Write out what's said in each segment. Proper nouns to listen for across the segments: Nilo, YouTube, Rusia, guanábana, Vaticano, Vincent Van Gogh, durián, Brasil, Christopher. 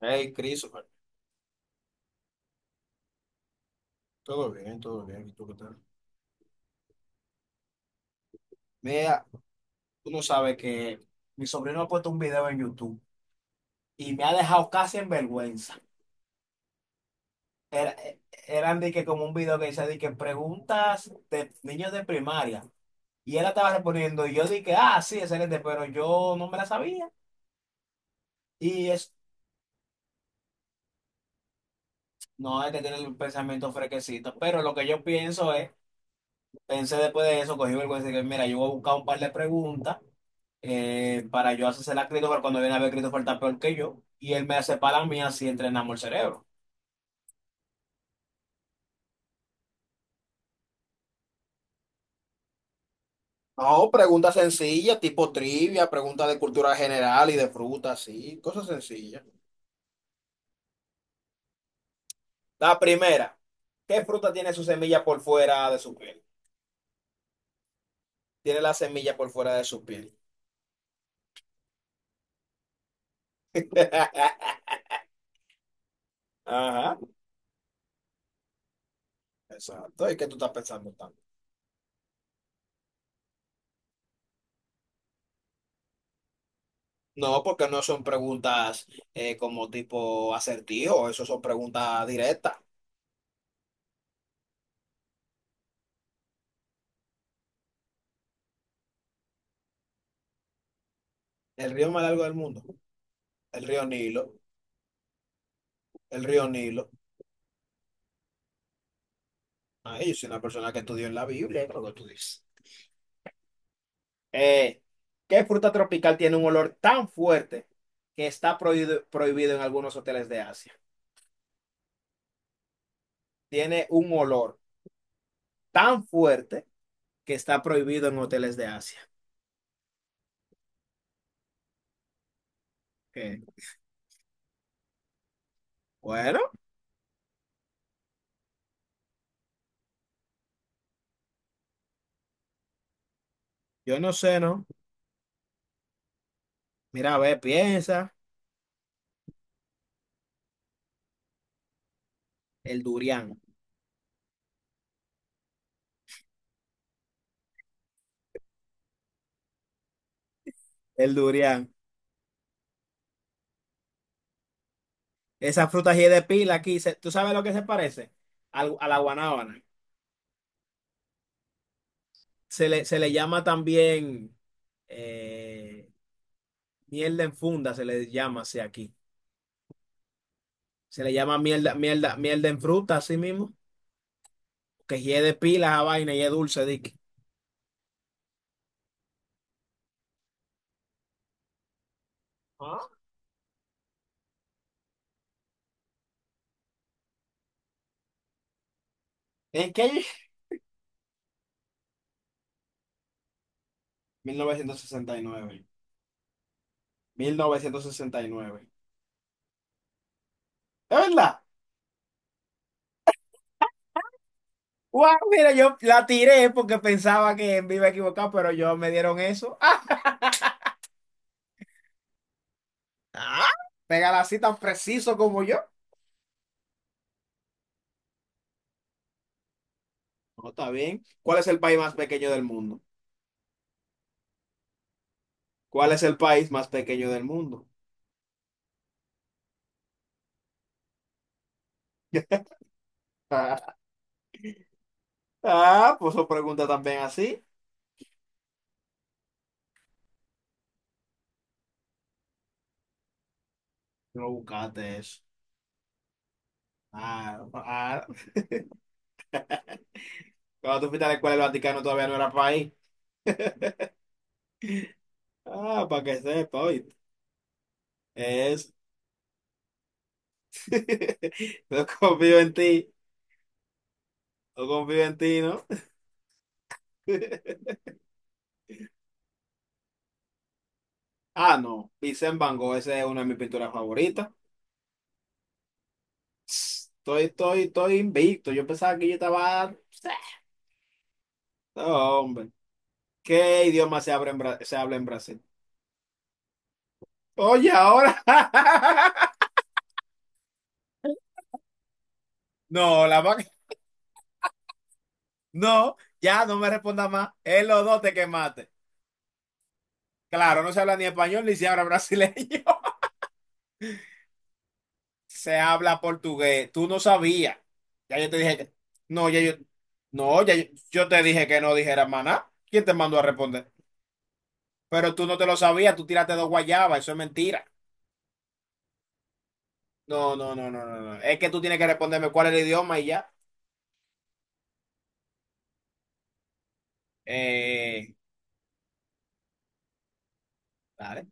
Hey, Christopher, todo bien, todo bien. ¿Y tú qué tal? Mira, tú no sabes que mi sobrino ha puesto un video en YouTube y me ha dejado casi en vergüenza. Era, eh, eran de que como un video que dice de que preguntas de niños de primaria. Y él la estaba respondiendo y yo dije, ah, sí, excelente, pero yo no me la sabía. Y es, no, hay que tener el pensamiento fresquecito. Pero lo que yo pienso es pensé después de eso, cogí vergüenza y dije, mira, yo voy a buscar un par de preguntas para yo hacerse la Christopher cuando viene a ver Christopher está peor que yo y él me hace para la así entrenamos el cerebro. No, preguntas sencillas, tipo trivia, preguntas de cultura general y de frutas, sí, cosas sencillas. La primera, ¿qué fruta tiene su semilla por fuera de su piel? Tiene la semilla por fuera de su piel. Ajá, exacto. ¿Y qué tú estás pensando tanto? No, porque no son preguntas como tipo acertijo, eso son preguntas directas. El río más largo del mundo, el río Nilo, el río Nilo. Ay, yo soy una persona que estudió en la Biblia, creo que tú dices. Eh, ¿Qué fruta tropical tiene un olor tan fuerte que está prohibido en algunos hoteles de Asia? Tiene un olor tan fuerte que está prohibido en hoteles de Asia. ¿Qué? Bueno, yo no sé, ¿no? Mira, a ver, piensa, el durián, el durián. Esa fruta así de pila aquí, ¿tú sabes lo que se parece? A la guanábana. Se le llama también eh, mierda en funda, se le llama así aquí. Se le llama mierda, mierda, mierda en fruta, así mismo. Que si es de pila a vaina y es dulce, dique. Ah. ¿En qué? Mil novecientos sesenta y nueve. 1969. ¿Es verdad? ¡Wow! Mira, yo la tiré porque pensaba que me iba a equivocar, pero yo me dieron eso. ¡Ah! ah, Pégala así tan preciso como yo. No, está bien. ¿Cuál es el país más pequeño del mundo? ¿Cuál es el país más pequeño del mundo? Ah, pues eso pregunta también así. Tú no buscaste eso. Ah, ah. Cuando tú fuiste a la escuela, el Vaticano todavía no era país. Ah, para que sepa, oíste. Es. No confío en ti. No confío en ti, ¿no? Ah, no. Vincent Van Gogh, esa es una de mis pinturas favoritas. Estoy invicto. Yo pensaba que yo estaba. No, hombre. ¿Qué idioma se habla en Brasil? Oye, ahora. No, la vaca. No, ya no me responda más. Es los dos te quemaste. Claro, no se habla ni español ni se habla brasileño. Se habla portugués. Tú no sabías. Ya yo te dije que. No, ya yo. No, ya yo te dije que no dijeras más nada. ¿Quién te mandó a responder? Pero tú no te lo sabías. Tú tiraste dos guayabas. Eso es mentira. No, no, no, no, no. No. Es que tú tienes que responderme cuál es el idioma y ya. Eh, Dale.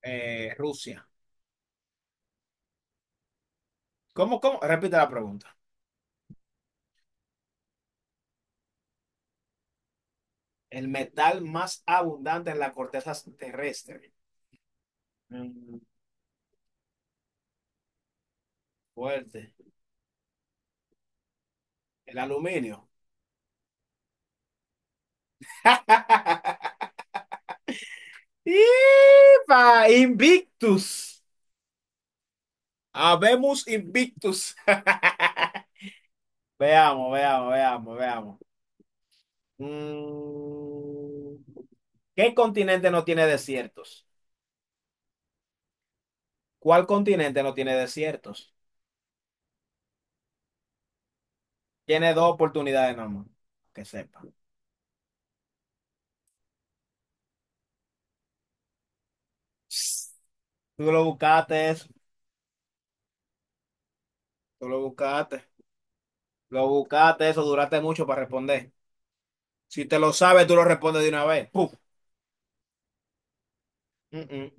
Rusia. ¿Cómo, cómo? Repite la pregunta. El metal más abundante en la corteza terrestre. Mm, Fuerte. El aluminio. ¡Ipa! Invictus. Habemos Invictus. Veamos, veamos, veamos, veamos. Mm, ¿Qué continente no tiene desiertos? ¿Cuál continente no tiene desiertos? Tiene dos oportunidades nomás, que sepa. Tú lo buscaste eso, tú lo buscaste eso, duraste mucho para responder. Si te lo sabes, tú lo respondes de una vez. Puf. Mm, mm.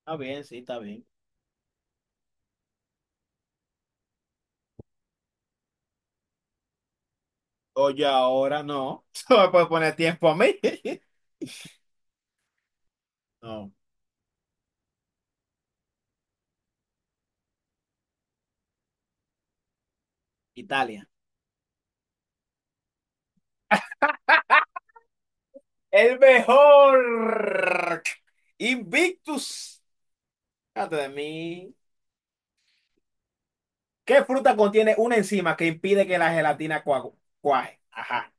Está bien, sí, está bien. Oye, ahora no. No me puedes poner tiempo a mí. No. Italia. El mejor. Invictus. Fíjate de mí. ¿Qué fruta contiene una enzima que impide que la gelatina cuaje? Ajá.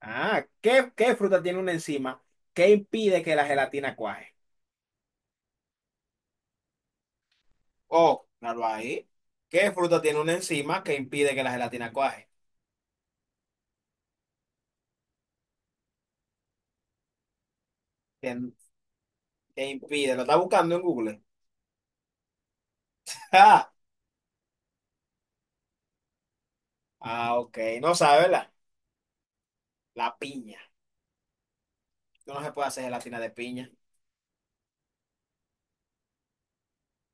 Ah, ¿qué fruta tiene una enzima que impide que la gelatina cuaje? Oh, claro ahí. ¿Qué fruta tiene una enzima que impide que la gelatina cuaje? Tiene Te impide. Lo está buscando en Google. Ah, ah, ok. No sabe, ¿verdad? La piña. No se puede hacer gelatina de piña.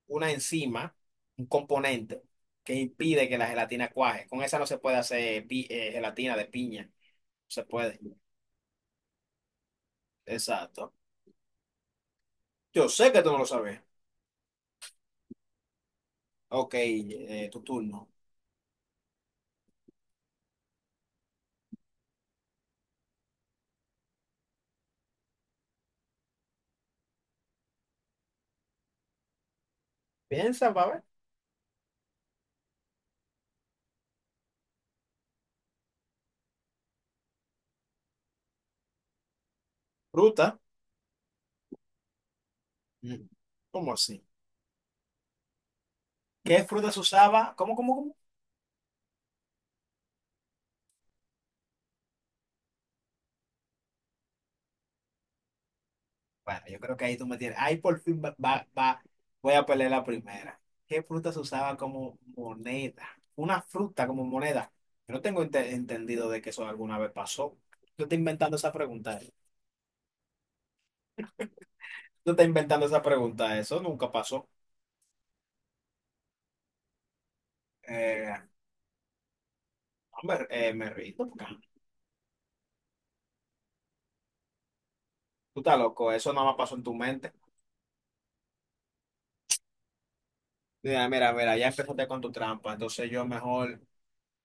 Una enzima, un componente que impide que la gelatina cuaje. Con esa no se puede hacer gelatina de piña. No se puede. Exacto. Yo sé que tú no lo sabes. Ok, tu turno. Piensa, va a ver. Fruta. Mm, ¿Cómo así? ¿Qué fruta se usaba? ¿Cómo, cómo, cómo? Bueno, yo creo que ahí tú me tienes. Ahí por fin voy a pelear la primera. ¿Qué fruta se usaba como moneda? Una fruta como moneda. Yo no tengo entendido de que eso alguna vez pasó. Tú estás inventando esa pregunta, Tú estás inventando esa pregunta. Eso nunca pasó. Eh, Hombre, me rindo porque tú estás loco. Eso nada más pasó en tu mente. Mira, mira, mira. Ya empezaste con tu trampa. Entonces yo mejor.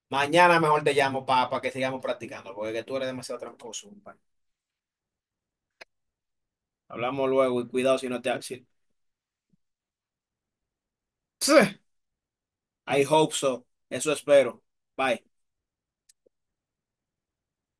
Mañana mejor te llamo para que sigamos practicando. Porque tú eres demasiado tramposo, compadre. Hablamos luego y cuidado si no te. I hope so. Eso espero. Bye.